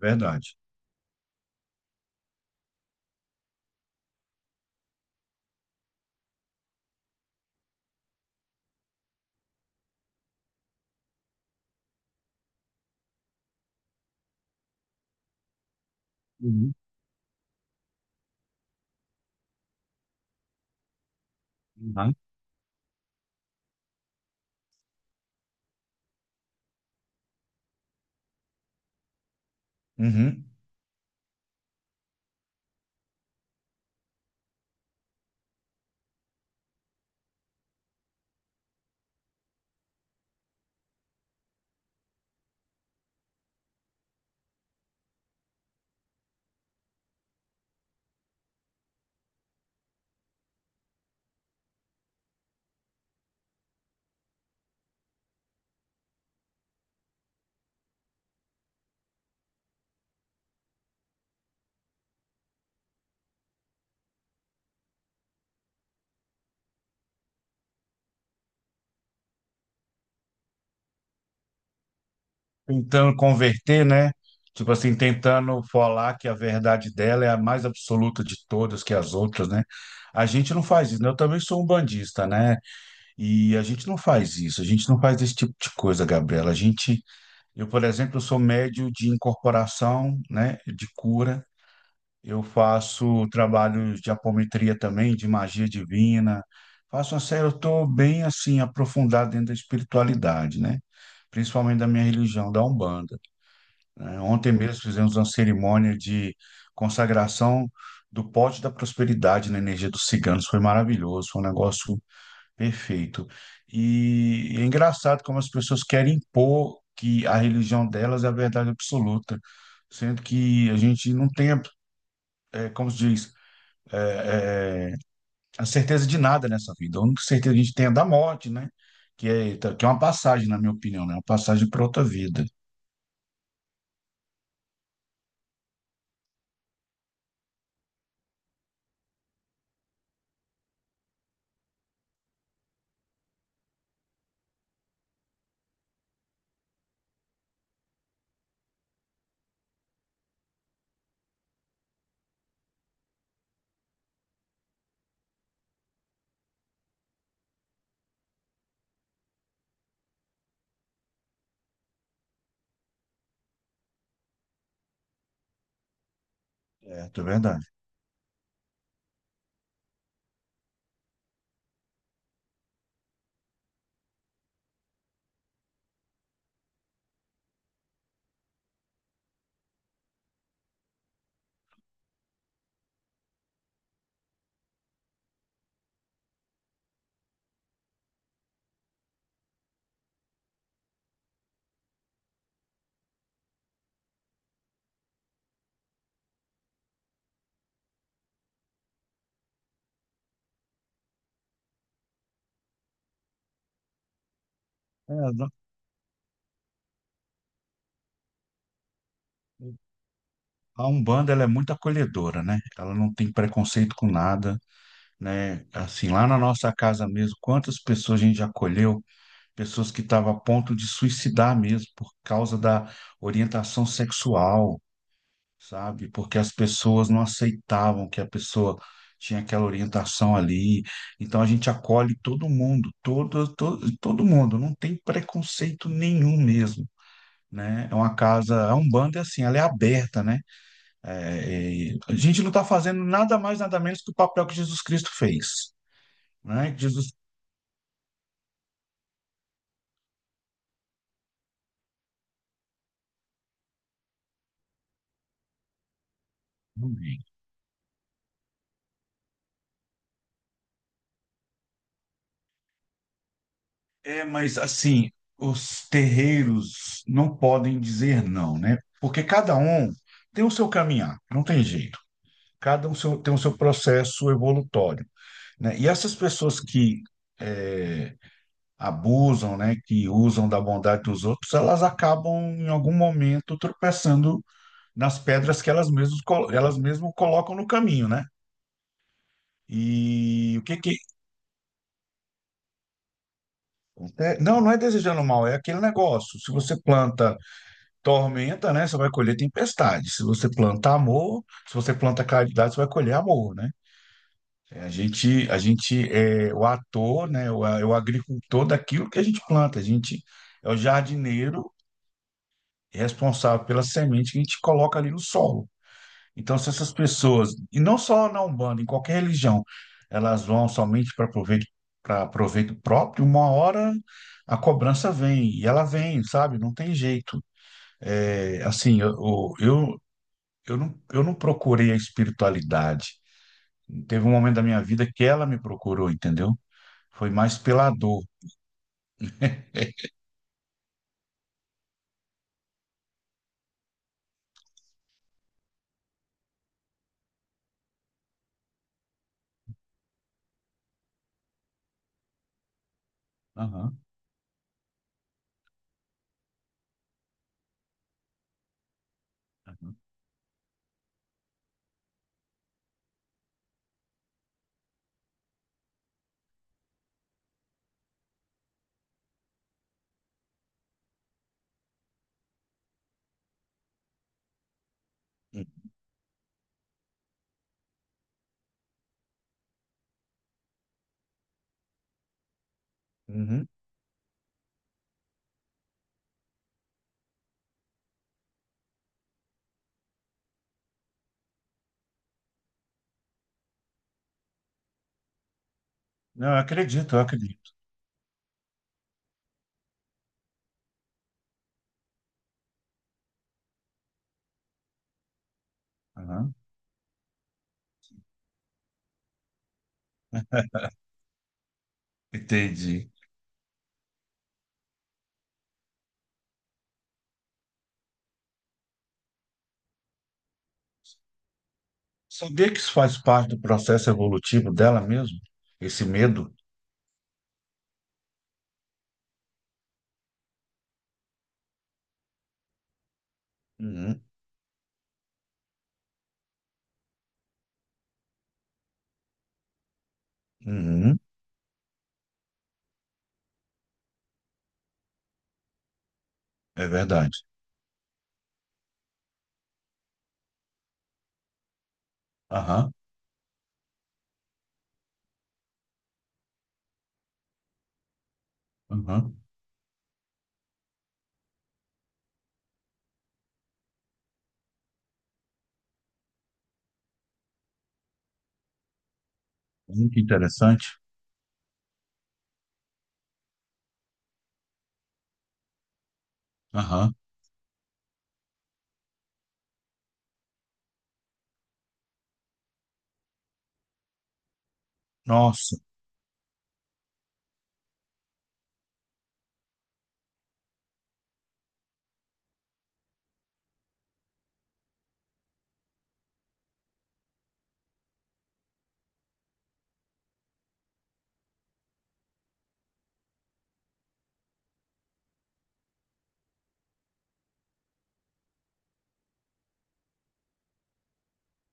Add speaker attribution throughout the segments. Speaker 1: Verdade. Uhum. Tá? Uhum. Tentando converter, né? Tipo assim, tentando falar que a verdade dela é a mais absoluta de todas que as outras, né? A gente não faz isso, né? Eu também sou um bandista, né? E a gente não faz isso, a gente não faz esse tipo de coisa, Gabriela. A gente, eu, por exemplo, sou médio de incorporação, né? De cura. Eu faço trabalhos de apometria também, de magia divina. Faço uma série, eu estou bem assim, aprofundado dentro da espiritualidade, né? Principalmente da minha religião, da Umbanda, né? Ontem mesmo fizemos uma cerimônia de consagração do pote da prosperidade na energia dos ciganos. Foi maravilhoso, foi um negócio perfeito. E é engraçado como as pessoas querem impor que a religião delas é a verdade absoluta, sendo que a gente não tem, como se diz, é, é, é, a certeza de nada nessa vida. A única certeza que a gente tem é da morte, né? Que é uma passagem, na minha opinião, né? É uma passagem para outra vida. É, é verdade. É, a Umbanda, ela é muito acolhedora, né? Ela não tem preconceito com nada, né? Assim, lá na nossa casa mesmo, quantas pessoas a gente já acolheu? Pessoas que estavam a ponto de suicidar mesmo por causa da orientação sexual, sabe? Porque as pessoas não aceitavam que a pessoa tinha aquela orientação ali. Então a gente acolhe todo mundo, todo, todo, todo mundo, não tem preconceito nenhum mesmo. Né? É uma casa, a Umbanda é assim, ela é aberta, né? É, a gente não está fazendo nada mais, nada menos que o papel que Jesus Cristo fez, né? Que Jesus... É, mas assim, os terreiros não podem dizer não, né? Porque cada um tem o seu caminhar, não tem jeito. Tem o seu processo evolutório, né? E essas pessoas que eh, abusam, né, que usam da bondade dos outros, elas acabam em algum momento tropeçando nas pedras que elas mesmo colocam no caminho, né? E o que que é, não, não é desejando mal, é aquele negócio. Se você planta tormenta, né, você vai colher tempestade. Se você planta amor, se você planta caridade, você vai colher amor, né? É, a gente é o ator, né? É o agricultor daquilo que a gente planta. A gente é o jardineiro responsável pela semente que a gente coloca ali no solo. Então, se essas pessoas, e não só na Umbanda, em qualquer religião, elas vão somente para proveito próprio, uma hora a cobrança vem, e ela vem, sabe? Não tem jeito. É, assim, eu não procurei a espiritualidade. Teve um momento da minha vida que ela me procurou, entendeu? Foi mais pela dor. Aham, aham, uhum. Não, eu acredito, eu acredito. Aham. Entendi. Sabia que isso faz parte do processo evolutivo dela mesmo? Esse medo? Uhum. Uhum. É verdade. Aham, aham. Muito interessante. Aham. Nossa,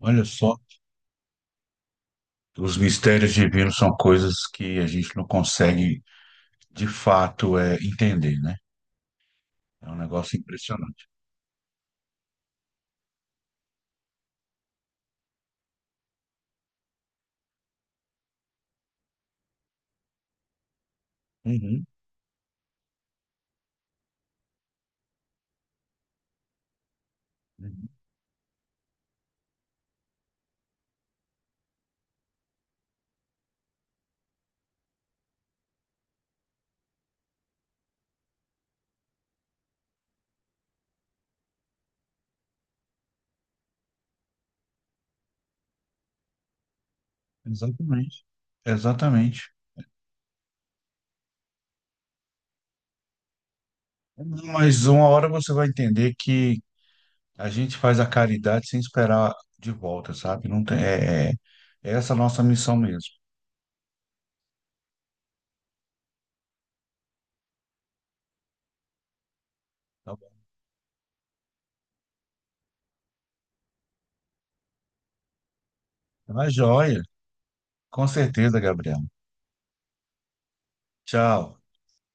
Speaker 1: olha só. Os mistérios divinos são coisas que a gente não consegue, de fato, entender, né? É um negócio impressionante. Uhum. Uhum. Exatamente. Exatamente. Mas uma hora você vai entender que a gente faz a caridade sem esperar de volta, sabe? Não tem, é essa a nossa missão mesmo. Tá bom? Mas joia, com certeza, Gabriel. Tchau.